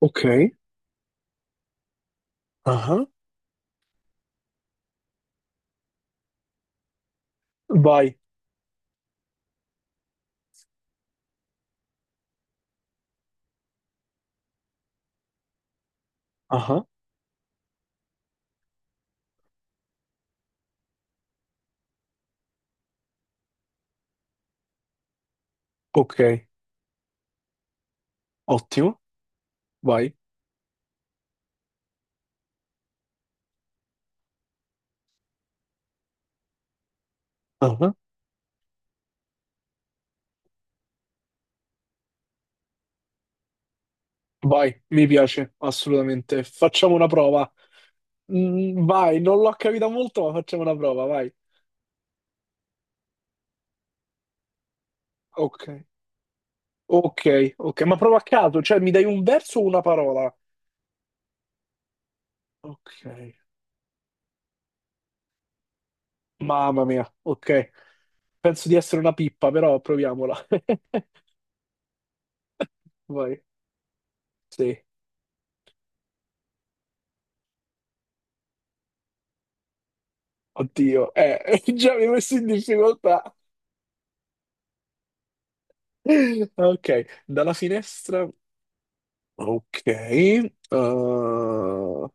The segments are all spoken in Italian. Ok, ah, vai, ah, ok, ottimo, vai, ah, vai, mi piace, assolutamente. Facciamo una prova. Vai, non l'ho capita molto, ma facciamo una prova, vai. Ok, ok, ok, ma prova a caso, cioè mi dai un verso o una parola? Ok, mamma mia, ok. Penso di essere una pippa, però proviamola. Vai, sì, oddio, già mi hai messo in difficoltà. Ok, dalla finestra. Ok, ok.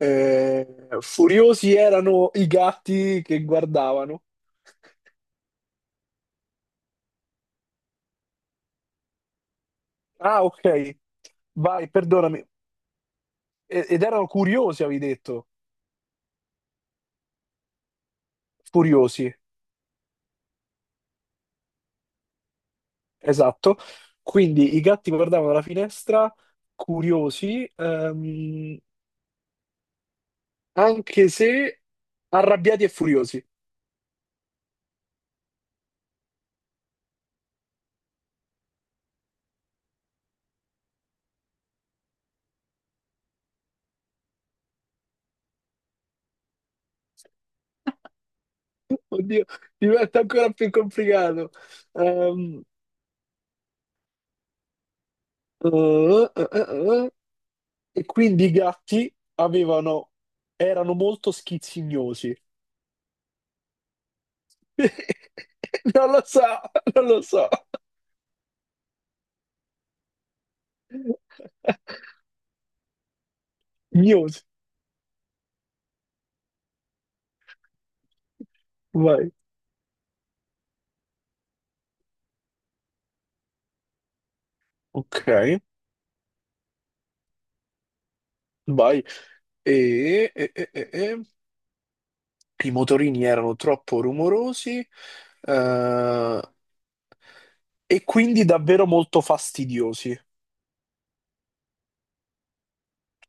Eh, Furiosi erano i gatti che guardavano. Ah, ok. Vai, perdonami. Ed erano curiosi, avevi detto. Furiosi, esatto. Quindi i gatti guardavano dalla finestra, curiosi, anche se arrabbiati e furiosi. Oddio, diventa ancora più complicato. Ehm, eh, eh, eh, eh. E quindi i gatti avevano, erano molto schizzignosi. Non lo so, non lo so. Gnosi. Vai. Ok, vai. E, e- e- e- e. I motorini erano troppo rumorosi, eh, e quindi davvero molto fastidiosi.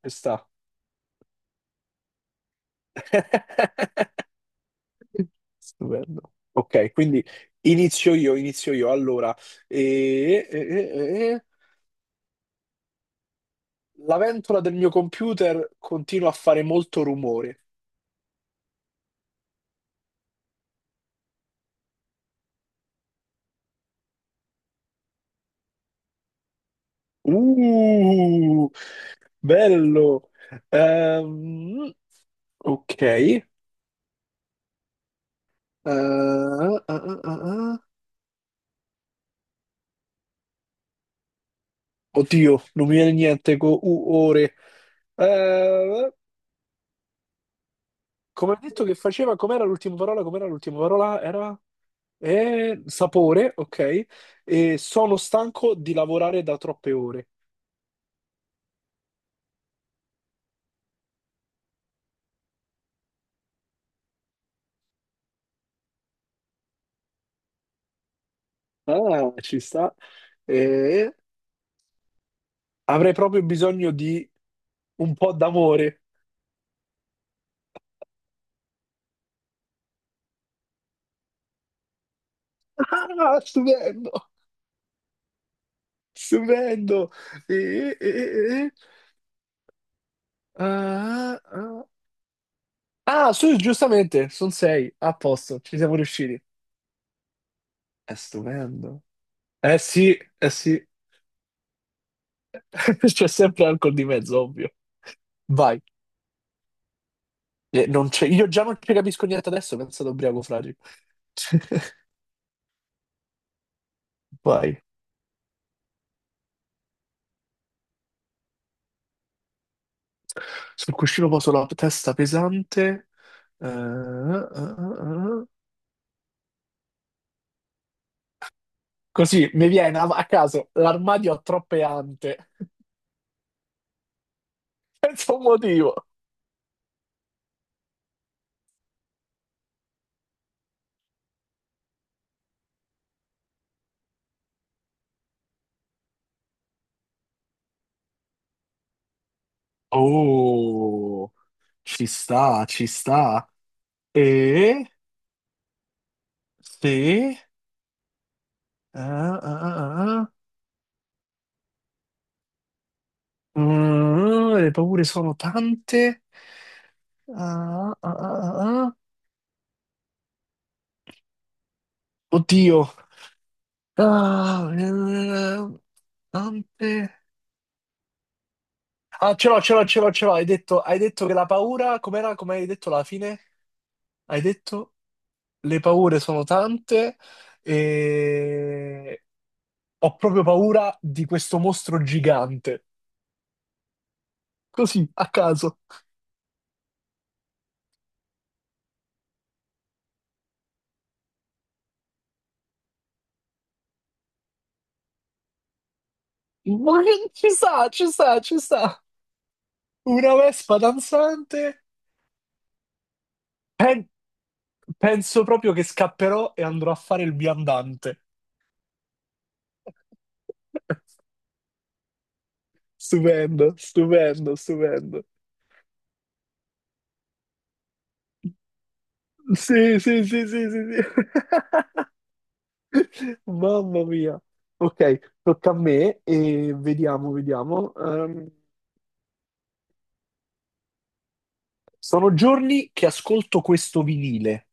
Ci sta. Stupendo. Ok, quindi inizio io, inizio io. Allora, e, la ventola del mio computer continua a fare molto rumore. Uh, Bello. Ehm, ok. Ah, ah, ah, ah. Oddio, non mi viene niente con U ore. Eh, Come ho detto che faceva, com'era l'ultima parola? Com'era l'ultima parola? Era sapore, ok. E sono stanco di lavorare da troppe ore. Ah, ci sta. Eh, Avrei proprio bisogno di un po' d'amore. Ah, stupendo, stupendo. E, e- e- e- ah, ah. Ah, Ah, su, giustamente, sono sei, a posto, ci siamo riusciti. È stupendo. Sì, eh sì, c'è sempre alcol di mezzo, ovvio. Vai. Non c'è- Io già non ci capisco niente adesso, penso ad ubriaco fragile. Vai. Sul cuscino poso la testa pesante. Eh, eh, eh, eh. Così mi viene a caso, l'armadio ha troppe ante. Senza un motivo. Oh, ci sta, ci sta. E se... ah, ah, ah, ah. Le paure sono tante. Ah, ah, ah, ah, ah. Oddio. Ah, eh, Tante. Ah, ce l'ho, ce l'ho, ce l'ho, ce l'ho. Hai detto che la paura... Com'era? Come hai detto alla fine? Hai detto le paure sono tante e... Ho proprio paura di questo mostro gigante. Così, a caso. Ci sta, ci sta, ci sta. Una vespa danzante. Pen- Penso proprio che scapperò e andrò a fare il viandante. Stupendo, stupendo, stupendo. Sì, sì, sì, sì, sì, sì. Mamma mia. Ok, tocca a me e vediamo, vediamo. Sono giorni che ascolto questo vinile.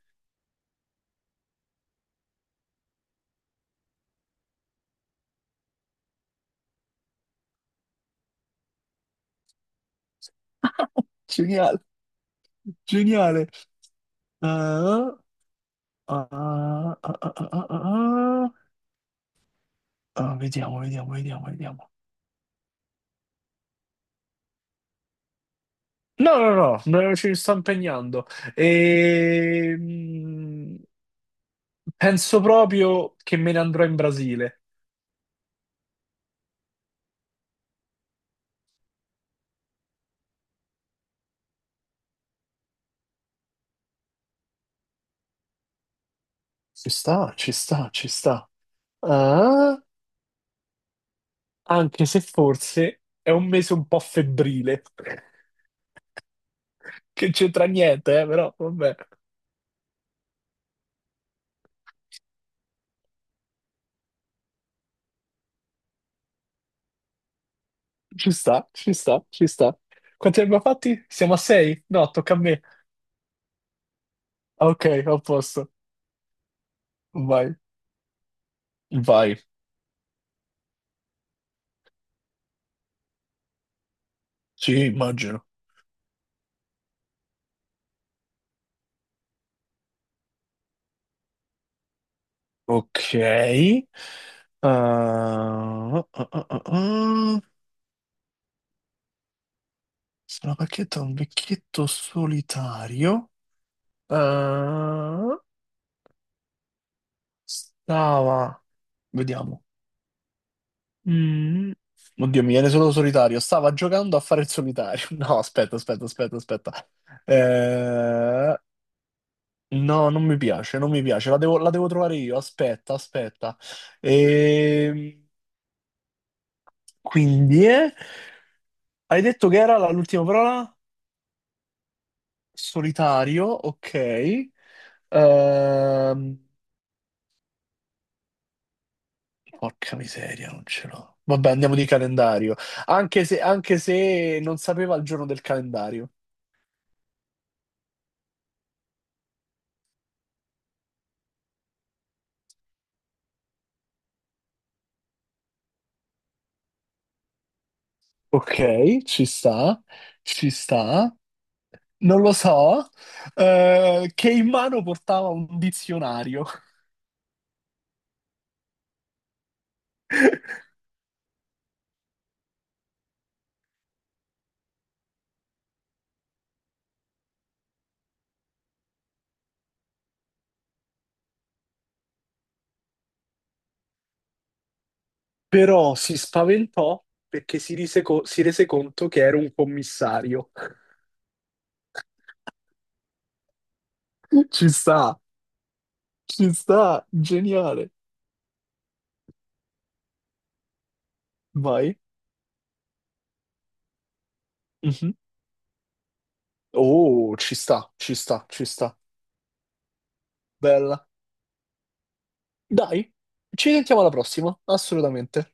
Geniale, geniale. Ah, ah, ah, ah, ah, ah, ah. ah, ah. Ah, vediamo, vediamo, vediamo, vediamo. No, no, no, no, ci sto impegnando. Ehm, Penso proprio che me ne andrò in Brasile. Ci sta, ci sta, ci sta. Ah, anche se forse è un mese un po' febbrile, che c'entra niente, però vabbè. Ci sta, ci sta, ci sta. Quanti ne abbiamo fatti? Siamo a sei? No, tocca a me. Ah, ok, a posto. Vai. Vai. Sì, immagino. Ok. Ah, ah, ah, ah, ah. Sono pacchetta un vecchietto solitario. Ah, stava, vediamo. Mm. Oddio, mi viene solo solitario. Stava giocando a fare il solitario. No, aspetta, aspetta, aspetta, aspetta. Eh, no, non mi piace, non mi piace. La devo trovare io. Aspetta, aspetta. Ehm, quindi, hai detto che era l'ultima parola? Solitario, ok. Ehm, Porca miseria, non ce l'ho. Vabbè, andiamo di calendario. Anche se non sapeva il giorno del calendario. Ok, ci sta, ci sta. Non lo so. Che in mano portava un dizionario. Però si spaventò perché si rese conto che era un commissario. Ci sta, ci sta, geniale. Vai. Mhm. Oh, ci sta, ci sta, ci sta. Bella. Dai, ci sentiamo alla prossima, assolutamente.